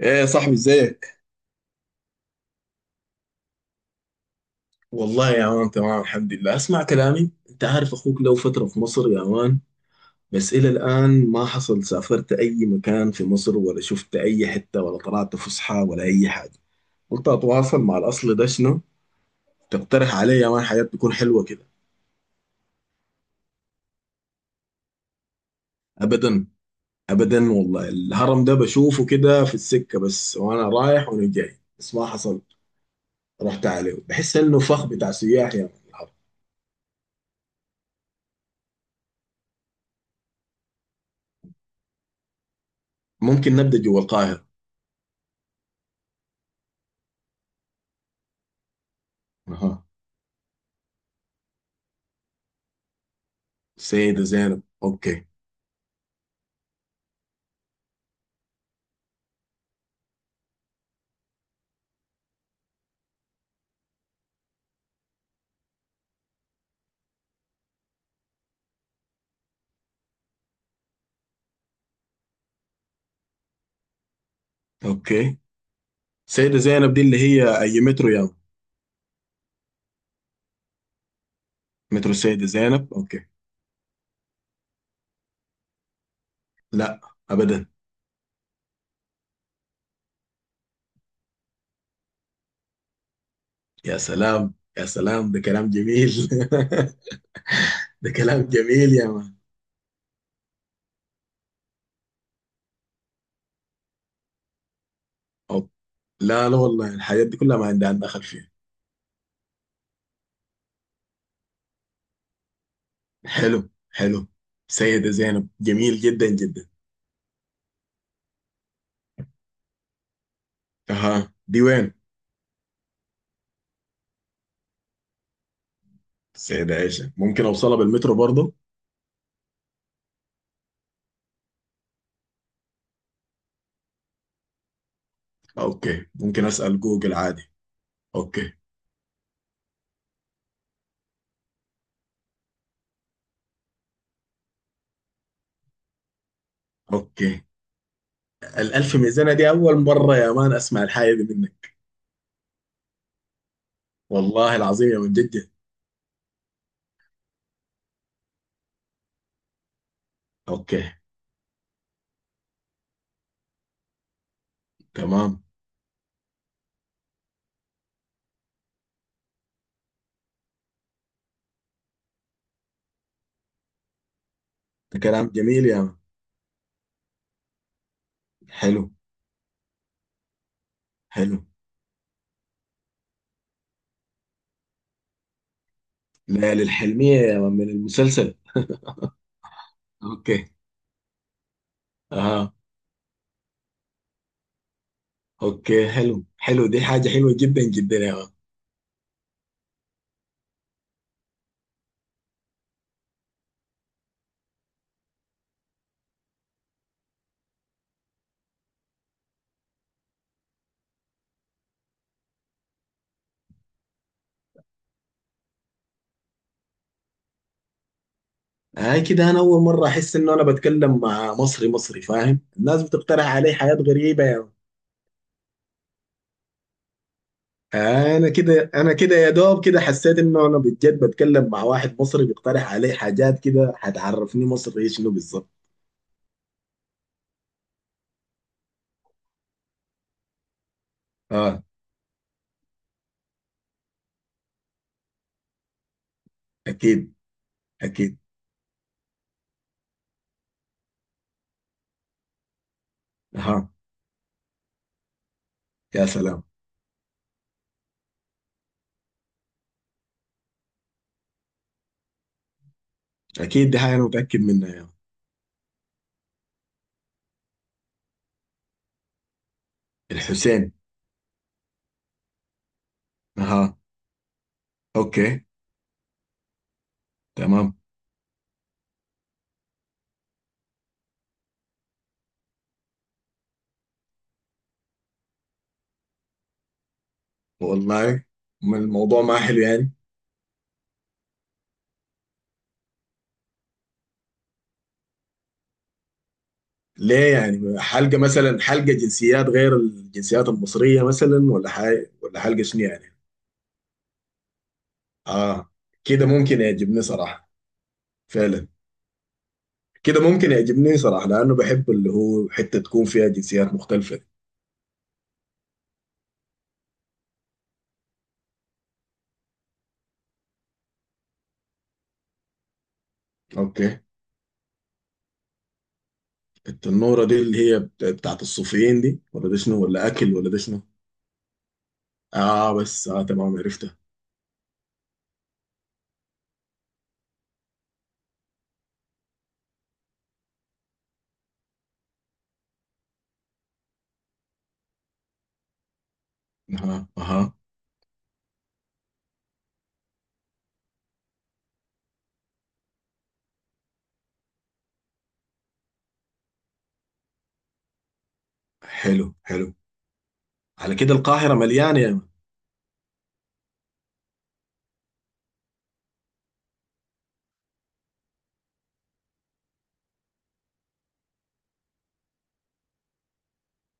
ايه يا صاحبي ازيك؟ والله يا مان تمام، الحمد لله. اسمع كلامي، انت عارف اخوك له فترة في مصر يا مان، بس الى الان ما حصل سافرت اي مكان في مصر ولا شفت اي حتة ولا طلعت فسحة ولا اي حاجة. قلت اتواصل مع الاصل، ده شنو تقترح علي يا مان حاجات تكون حلوة كده؟ ابدا. ابدا والله، الهرم ده بشوفه كده في السكة بس، وانا رايح وانا جاي، بس ما حصل. رحت عليه بحس انه فخ بتاع سياح يا مان الهرم. ممكن نبدا جوا القاهرة. اها. سيدة زينب، اوكي. اوكي، سيدة زينب دي اللي هي اي مترو يعني؟ مترو سيدة زينب، اوكي. لا، ابدا. يا سلام يا سلام، ده كلام جميل. ده كلام جميل يا مان. أوب. لا لا والله، الحاجات دي كلها ما عندها دخل فيها. حلو حلو. سيدة زينب جميل جدا جدا. اها، دي وين؟ سيدة عائشة، ممكن اوصلها بالمترو برضه؟ اوكي. ممكن اسأل جوجل عادي. اوكي. اوكي، الالف ميزانة دي اول مرة يا مان اسمع الحاجة دي منك. والله العظيم يا من، جد؟ اوكي، تمام. ده كلام جميل يا من. حلو حلو. ليالي الحلمية يا من، من المسلسل. اوكي. اها. اوكي، حلو حلو، دي حاجة حلوة جدا جدا يا من. هاي كده، انا اول مرة احس انه انا بتكلم مع مصري مصري فاهم، الناس بتقترح علي حاجات غريبة يا من. انا كده انا كده يا دوب كده، حسيت انه انا بجد بتكلم مع واحد مصري بيقترح علي حاجات كده، هتعرفني مصري شنو بالظبط. اه. اكيد اكيد. اها. يا سلام. اكيد، دي حاجة انا متأكد منها يا من. الحسين. اها. اوكي، تمام. والله، ما الموضوع ما حلو يعني. ليه يعني؟ حلقة مثلا، حلقة جنسيات غير الجنسيات المصرية مثلا، ولا حاجة، ولا حلقة شنو يعني؟ اه. كده ممكن يعجبني صراحة، فعلا. كده ممكن يعجبني صراحة لأنه بحب اللي هو حتة تكون فيها جنسيات مختلفة. اوكي. التنورة دي اللي هي بتاعت الصوفيين دي، ولا ده شنو، ولا أكل، ولا ده شنو؟ اه بس، اه تمام، عرفتها. اها اها. حلو حلو. على كده القاهرة مليانة يا مان.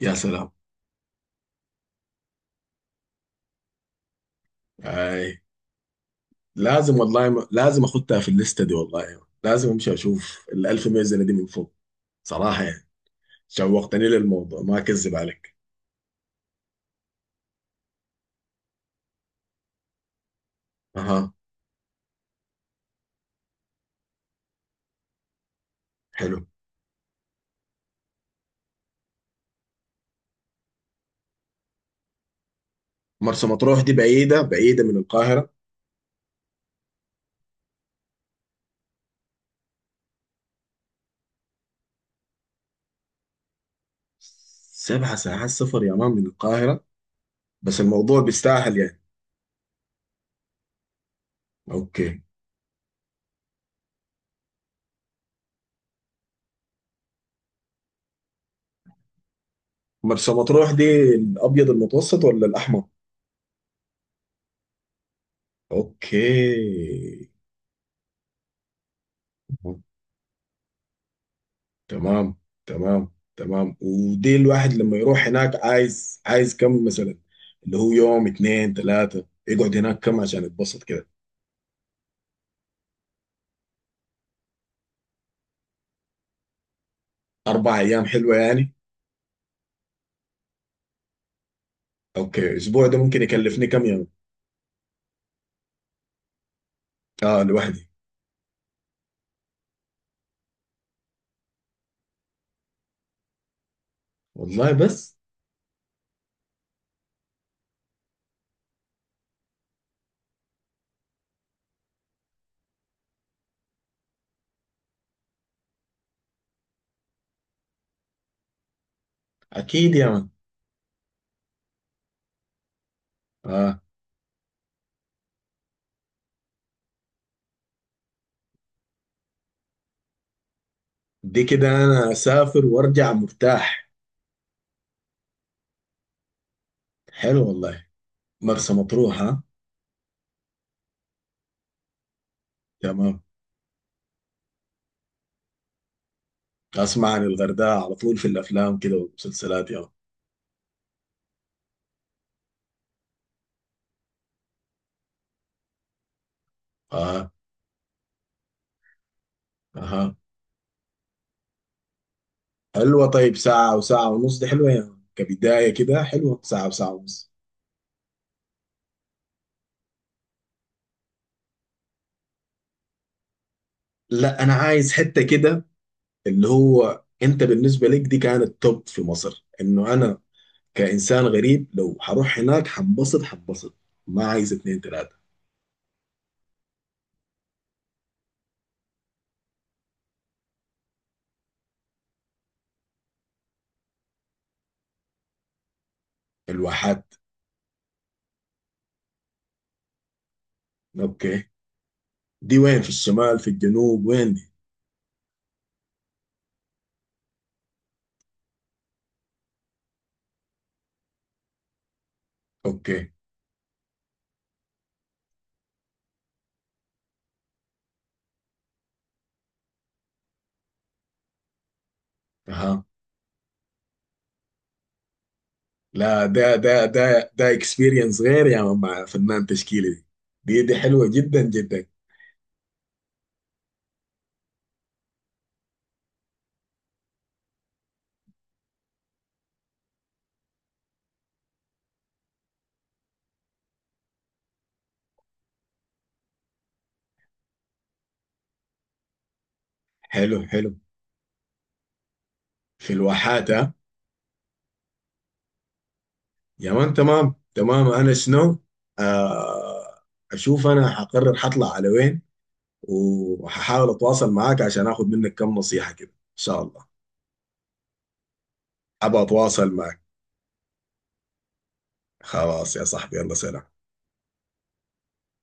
يا سلام. اي، لازم والله، لازم اخدها في الليستة دي والله يا مان. لازم امشي اشوف الألف ميزة دي من فوق، صراحة يعني. شوقتني للموضوع، ما اكذب عليك. اها. حلو. مرسى مطروح دي بعيدة بعيدة من القاهرة؟ 7 ساعات سفر يا مان من القاهرة؟ بس الموضوع بيستاهل يعني. اوكي. مرسى مطروح دي الابيض المتوسط ولا الاحمر؟ اوكي. تمام تمام تمام. ودي الواحد لما يروح هناك عايز عايز كم مثلا؟ اللي هو يوم اتنين تلاتة يقعد هناك، كم عشان يتبسط كده؟ 4 أيام حلوة يعني. أوكي، الأسبوع ده ممكن يكلفني كم يوم؟ آه، لوحدي. والله؟ بس. أكيد يا مان. آه. دي كده أنا أسافر وأرجع مرتاح. حلو والله. مرسى مطروح، ها. تمام. أسمع عن الغردقة على طول في الأفلام كده والمسلسلات يا مان. آه. أها. حلوة، طيب ساعة وساعة ونص دي حلوة يعني، كبداية كده حلوة ساعة وساعة ونص. لا، أنا عايز حتة كده اللي هو أنت بالنسبة لك دي كانت توب في مصر، إنه أنا كإنسان غريب لو هروح هناك حنبسط حنبسط. ما عايز اتنين تلاتة. الواحات، أوكي. دي وين، في الشمال في الجنوب؟ وين دي؟ أوكي. أها. لا، ده اكسبيرينس غير يا مان، مع فنان تشكيلي دي، دي حلوة جدا جدا. حلو حلو. في الواحات. يا مان، تمام تمام. انا شنو؟ آه. اشوف انا حقرر حطلع على وين، وهحاول اتواصل معاك عشان اخذ منك كم نصيحة كده، ان شاء الله. ابى اتواصل معك. خلاص يا صاحبي، يلا سلام.